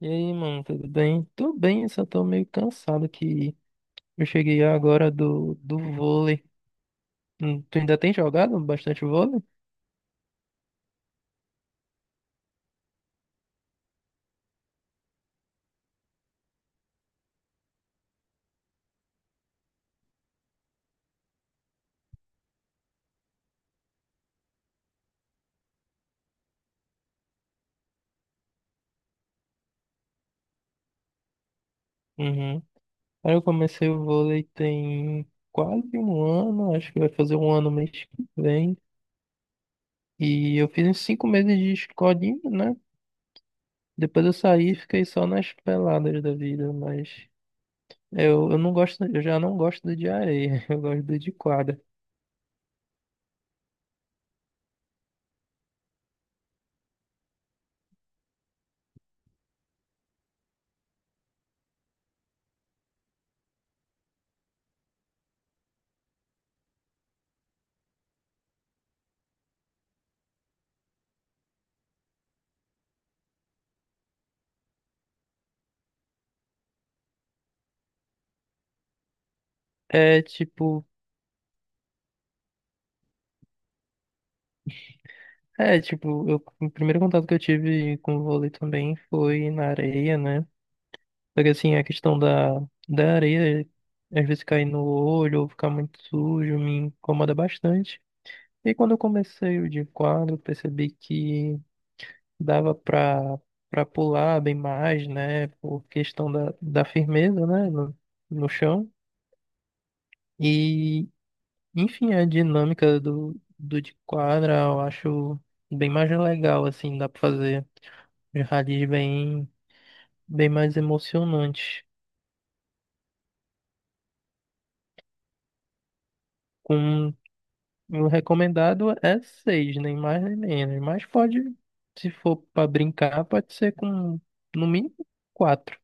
E aí, mano, tudo bem? Tô bem, eu só tô meio cansado que eu cheguei agora do vôlei. Tu ainda tem jogado bastante vôlei? Uhum. Aí eu comecei o vôlei tem quase um ano, acho que vai fazer um ano mês que vem. E eu fiz uns 5 meses de escolinha, né? Depois eu saí e fiquei só nas peladas da vida, mas eu não gosto, eu já não gosto do de areia, eu gosto do de quadra. É tipo, É, tipo, o primeiro contato que eu tive com o vôlei também foi na areia, né? Porque assim, a questão da areia, às vezes cair no olho ou ficar muito sujo, me incomoda bastante. E quando eu comecei o de quadro, eu percebi que dava pra pular bem mais, né? Por questão da firmeza, né? No, no chão. E, enfim, a dinâmica do de quadra eu acho bem mais legal, assim, dá pra fazer. Os Rallies bem mais emocionantes. Com o recomendado é seis, nem mais nem menos. Mas pode, se for para brincar, pode ser com no mínimo quatro.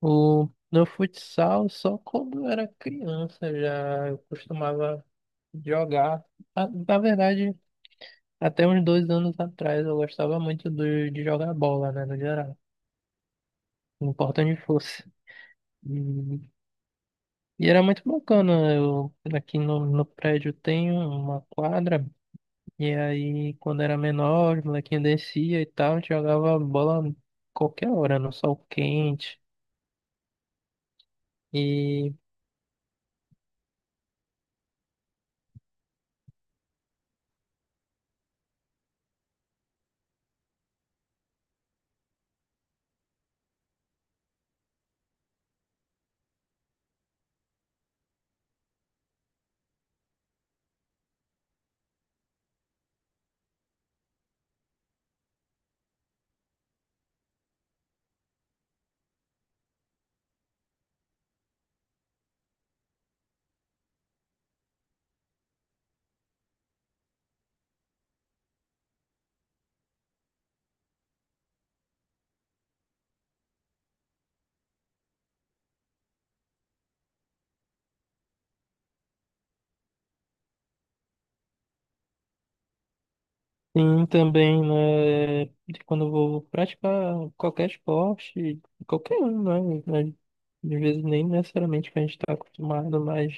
No futsal, só quando eu era criança já eu costumava jogar. Ah, na verdade, até uns 2 anos atrás eu gostava muito de jogar bola, né, no geral. Não importa onde fosse. E era muito bacana. Aqui no prédio tem uma quadra, e aí quando era menor, os molequinhos descia e tal, a gente jogava bola qualquer hora, no sol quente. E sim, também, né, de quando eu vou praticar qualquer esporte, qualquer um, né, às vezes nem necessariamente que a gente está acostumado, mas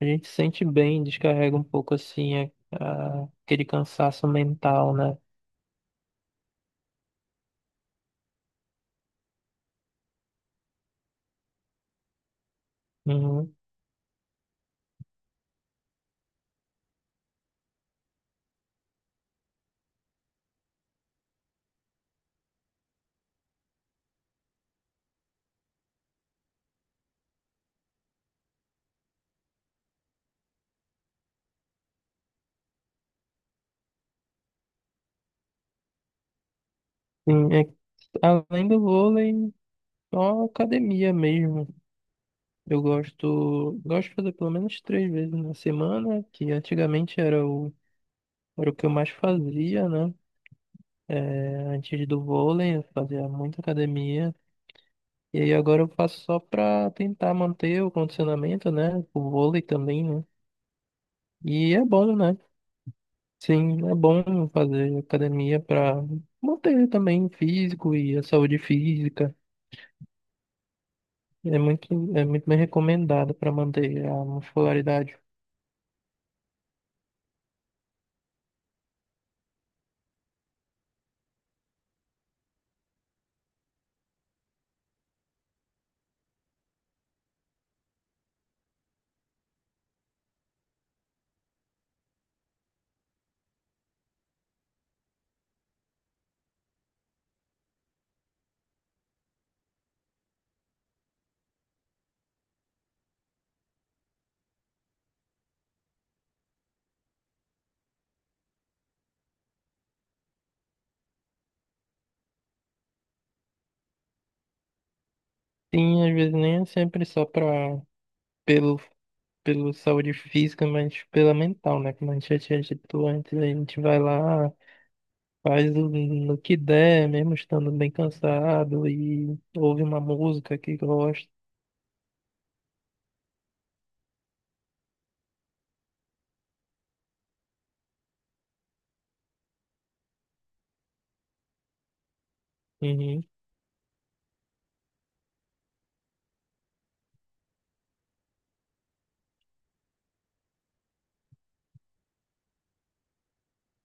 a gente sente bem, descarrega um pouco assim a- aquele cansaço mental, né? Uhum. Sim, é, que além do vôlei, só academia mesmo. Eu gosto de fazer pelo menos três vezes na semana, que antigamente era o que eu mais fazia, né? É, antes do vôlei, eu fazia muita academia. E aí agora eu faço só pra tentar manter o condicionamento, né? O vôlei também, né? E é bom, né? Sim, é bom fazer academia pra manter também o físico e a saúde física. É muito, é muito bem recomendado para manter a muscularidade. Sim, às vezes nem é sempre só pelo, pelo saúde física, mas pela mental, né? Como a gente já tinha dito antes, a gente vai lá, faz no que der, mesmo estando bem cansado, e ouve uma música que gosta. Uhum.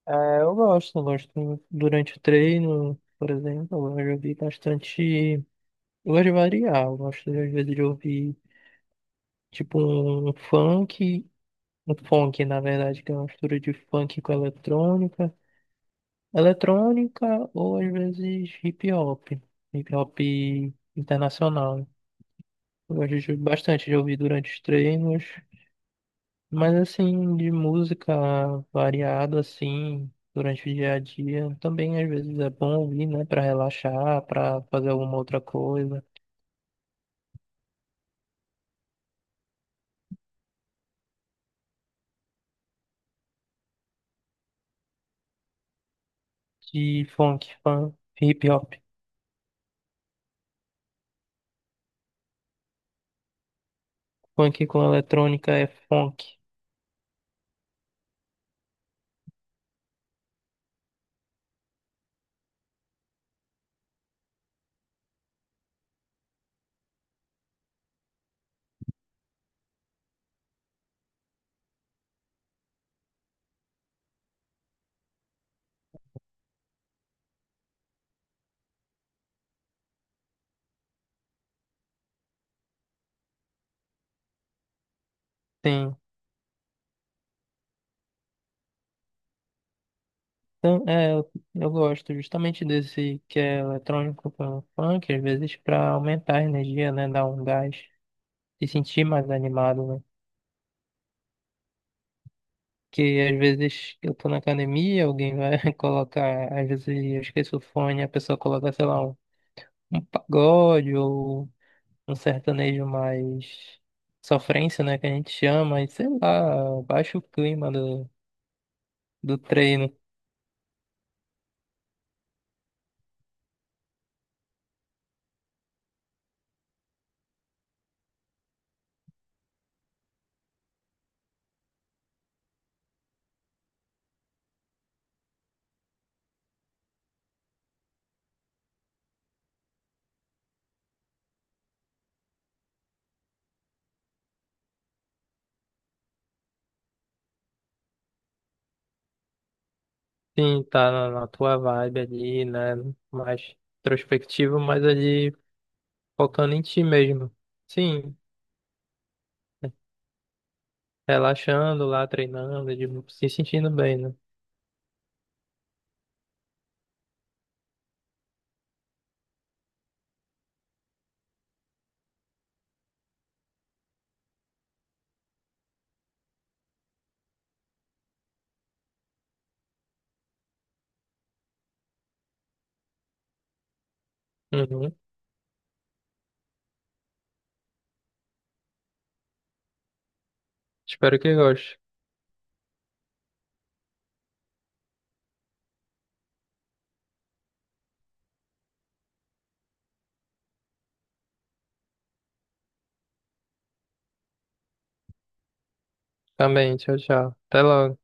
É, eu gosto durante o treino, por exemplo, eu gosto de ouvir bastante. Eu gosto de variar, eu gosto às vezes de ouvir tipo um funk. Um funk, na verdade, que é uma mistura de funk com eletrônica. Eletrônica ou às vezes hip hop. Hip hop internacional. Eu gosto bastante de ouvir durante os treinos. Mas assim, de música variada, assim, durante o dia a dia. Também às vezes é bom ouvir, né? Pra relaxar, pra fazer alguma outra coisa. De funk, funk, hip hop. Funk com eletrônica é funk. Sim. Então, eu gosto justamente desse que é eletrônico pelo funk, às vezes para aumentar a energia, né? Dar um gás e sentir mais animado, né? Que às vezes eu tô na academia, alguém vai colocar, às vezes eu esqueço o fone, a pessoa coloca, sei lá, um pagode ou um sertanejo mais sofrência, né? Que a gente chama, e sei lá, baixa o clima do treino. Sim, tá na tua vibe ali, né? Mais introspectivo, mas ali focando em ti mesmo. Sim, relaxando lá, treinando, se sentindo bem, né? Uhum. Espero que goste. Também, tchau, tchau. Até logo.